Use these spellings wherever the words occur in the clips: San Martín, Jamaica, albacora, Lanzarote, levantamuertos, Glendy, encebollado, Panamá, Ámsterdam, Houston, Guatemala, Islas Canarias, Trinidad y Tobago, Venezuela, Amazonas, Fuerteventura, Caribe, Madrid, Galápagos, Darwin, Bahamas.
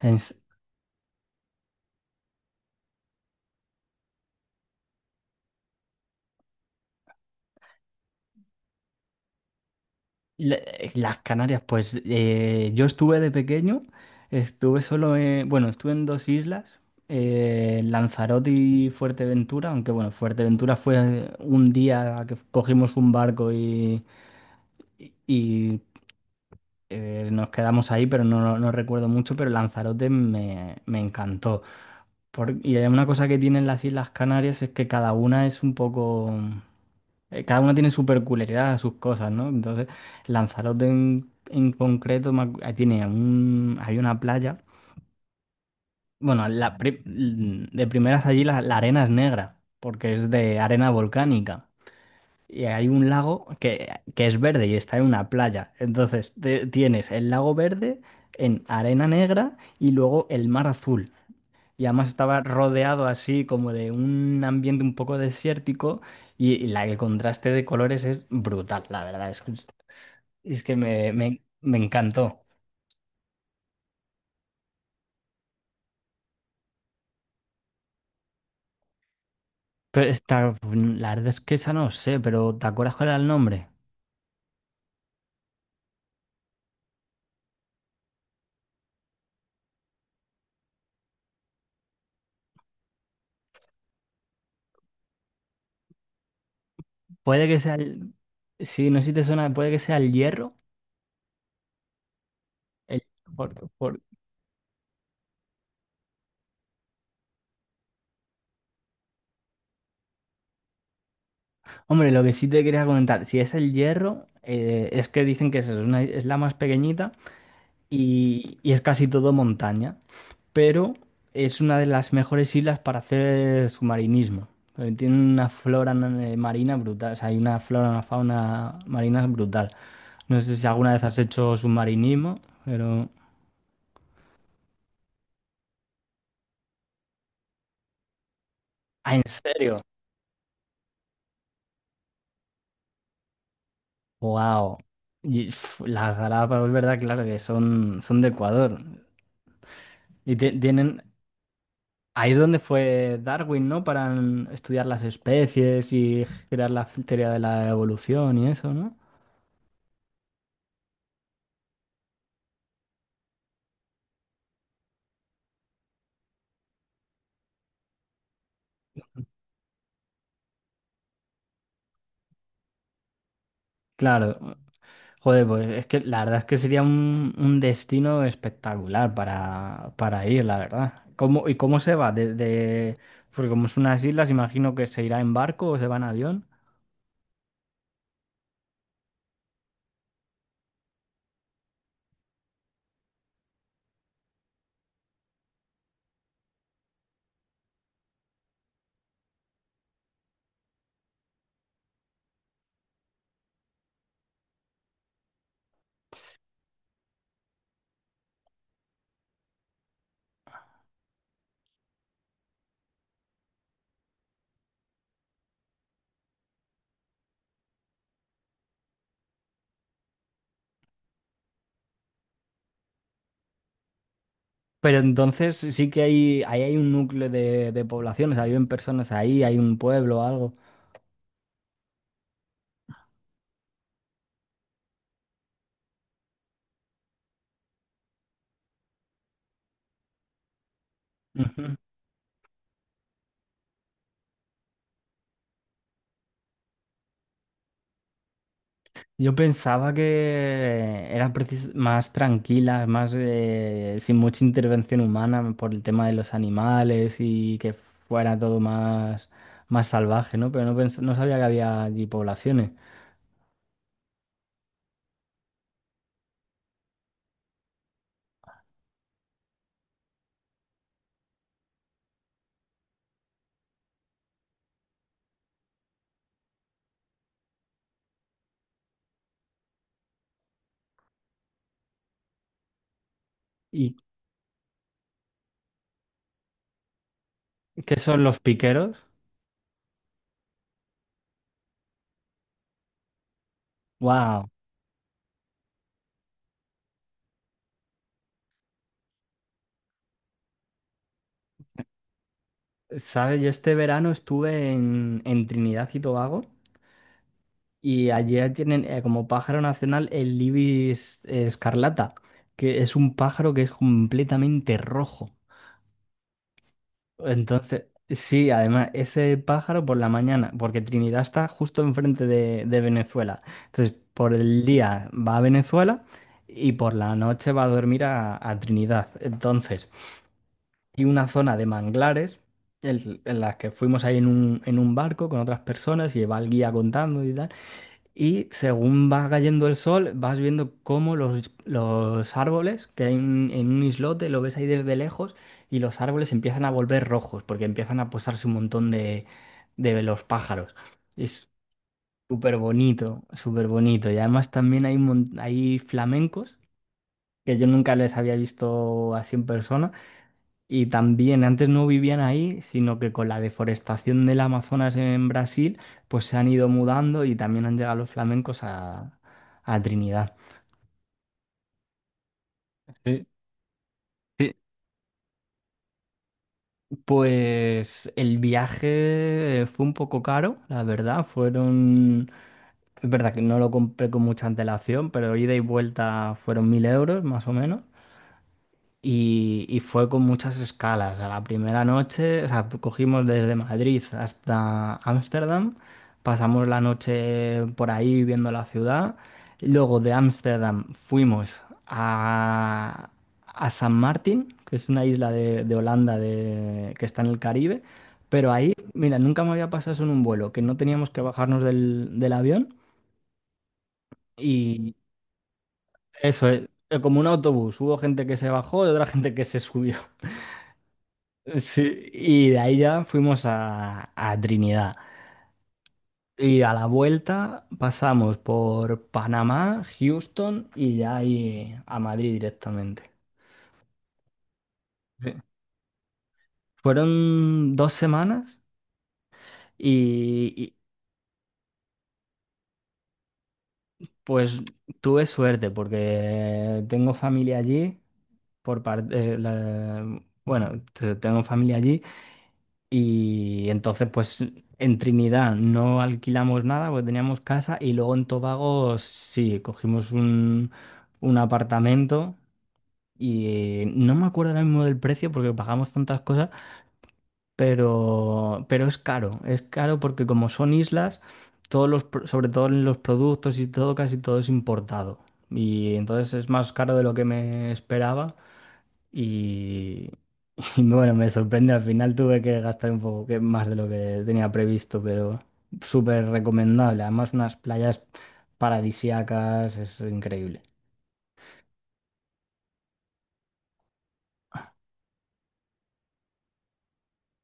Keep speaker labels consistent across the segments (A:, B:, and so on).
A: En s- las Canarias, pues yo estuve de pequeño, estuve solo en, bueno, estuve en dos islas, Lanzarote y Fuerteventura, aunque bueno, Fuerteventura fue un día que cogimos un barco y nos quedamos ahí, pero no, no recuerdo mucho, pero Lanzarote me encantó. Y hay una cosa que tienen las Islas Canarias, es que cada una es un poco... cada una tiene su peculiaridad, sus cosas, ¿no? Entonces, Lanzarote en concreto tiene un, hay una playa. Bueno, la pri- de primeras allí la arena es negra, porque es de arena volcánica. Y hay un lago que es verde y está en una playa. Entonces, tienes el lago verde en arena negra y luego el mar azul. Y además estaba rodeado así como de un ambiente un poco desértico y el contraste de colores es brutal, la verdad. Es que me- me encantó. Pero esta, la verdad es que esa no sé, pero ¿te acuerdas cuál era el nombre? Puede que sea el... Sí, no sé si te suena, puede que sea el Hierro. El- por- por- Hombre, lo que sí te quería comentar, si es el Hierro, es que dicen que es, es la más pequeñita y es casi todo montaña. Pero es una de las mejores islas para hacer submarinismo, porque tiene una flora marina brutal, o sea, hay una flora, una fauna marina brutal. No sé si alguna vez has hecho submarinismo, pero... Ah, ¿en serio? ¡Wow! Y, pf, las Galápagos, verdad, claro que son, son de Ecuador. Y tienen... Ahí es donde fue Darwin, ¿no? Para estudiar las especies y crear la teoría de la evolución y eso, ¿no? Claro. Joder, pues es que la verdad es que sería un destino espectacular para ir, la verdad. ¿Cómo, y cómo se va? Desde, porque como son unas islas, imagino que se irá en barco o se va en avión. Pero entonces sí que hay, ahí hay un núcleo de población, o sea, viven personas ahí, hay un pueblo o algo. Yo pensaba que eran más tranquilas, más sin mucha intervención humana por el tema de los animales y que fuera todo más, más salvaje, ¿no? Pero no, no sabía que había allí poblaciones. ¿Y qué son los piqueros? ¡Wow! ¿Sabes? Yo este verano estuve en Trinidad y Tobago y allí tienen como pájaro nacional el ibis escarlata, que es un pájaro que es completamente rojo. Entonces, sí, además, ese pájaro por la mañana, porque Trinidad está justo enfrente de Venezuela. Entonces, por el día va a Venezuela y por la noche va a dormir a Trinidad. Entonces, y una zona de manglares en las que fuimos ahí en un barco con otras personas, y va el guía contando y tal. Y según va cayendo el sol, vas viendo cómo los árboles, que hay en un islote, lo ves ahí desde lejos, y los árboles empiezan a volver rojos, porque empiezan a posarse un montón de los pájaros. Es súper bonito, súper bonito. Y además también hay, hay flamencos, que yo nunca les había visto así en persona, y también antes no vivían ahí, sino que con la deforestación del Amazonas en Brasil, pues se han ido mudando y también han llegado los flamencos a Trinidad. Sí. Sí, pues el viaje fue un poco caro, la verdad. Fueron, es verdad que no lo compré con mucha antelación, pero ida y vuelta fueron 1.000 euros más o menos. Y fue con muchas escalas. A la primera noche, o sea, cogimos desde Madrid hasta Ámsterdam, pasamos la noche por ahí viendo la ciudad. Luego de Ámsterdam fuimos a San Martín, que es una isla de Holanda que está en el Caribe. Pero ahí, mira, nunca me había pasado eso en un vuelo, que no teníamos que bajarnos del, del avión. Y eso es, como un autobús, hubo gente que se bajó y otra gente que se subió. Sí, y de ahí ya fuimos a Trinidad. Y a la vuelta pasamos por Panamá, Houston y ya ahí a Madrid directamente. Sí. Fueron dos semanas y, y, pues tuve suerte porque tengo familia allí, por parte, bueno, tengo familia allí. Y entonces, pues en Trinidad no alquilamos nada porque teníamos casa, y luego en Tobago sí, cogimos un apartamento y no me acuerdo ahora mismo del precio porque pagamos tantas cosas, pero es caro porque como son islas, todos los, sobre todo en los productos y todo, casi todo es importado. Y entonces es más caro de lo que me esperaba. Y, y bueno, me sorprende, al final tuve que gastar un poco más de lo que tenía previsto, pero súper recomendable. Además, unas playas paradisíacas, es increíble.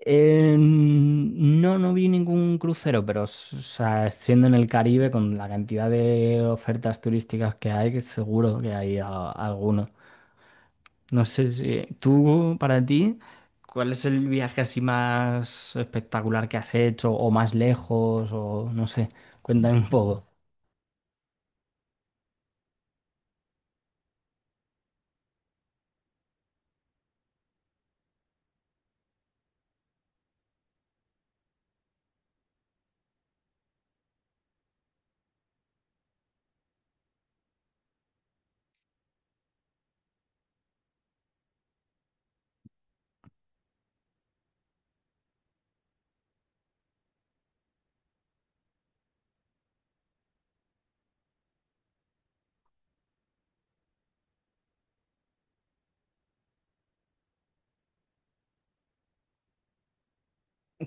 A: No, no vi ningún crucero, pero o sea, siendo en el Caribe, con la cantidad de ofertas turísticas que hay, que seguro que hay alguno. No sé si tú, para ti, ¿cuál es el viaje así más espectacular que has hecho o más lejos o no sé? Cuéntame un poco.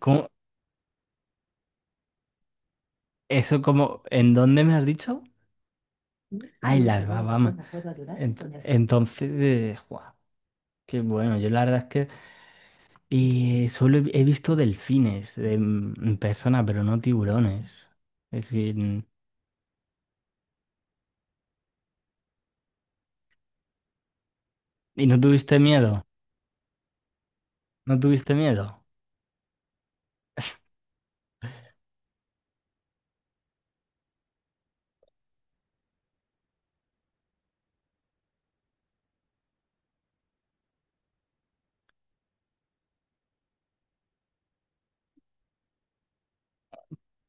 A: ¿Cómo? Eso, como, en dónde me has dicho? Ah, en Bahamas. Entonces, guau, qué bueno. Yo la verdad es que, y solo he visto delfines en persona, pero no tiburones. Es decir, ¿y no tuviste miedo? ¿No tuviste miedo?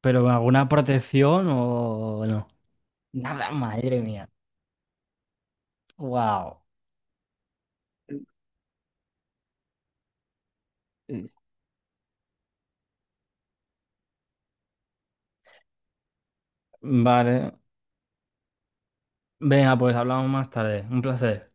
A: ¿Pero con alguna protección o no? Nada, madre mía. Wow. Vale. Venga, pues hablamos más tarde. Un placer.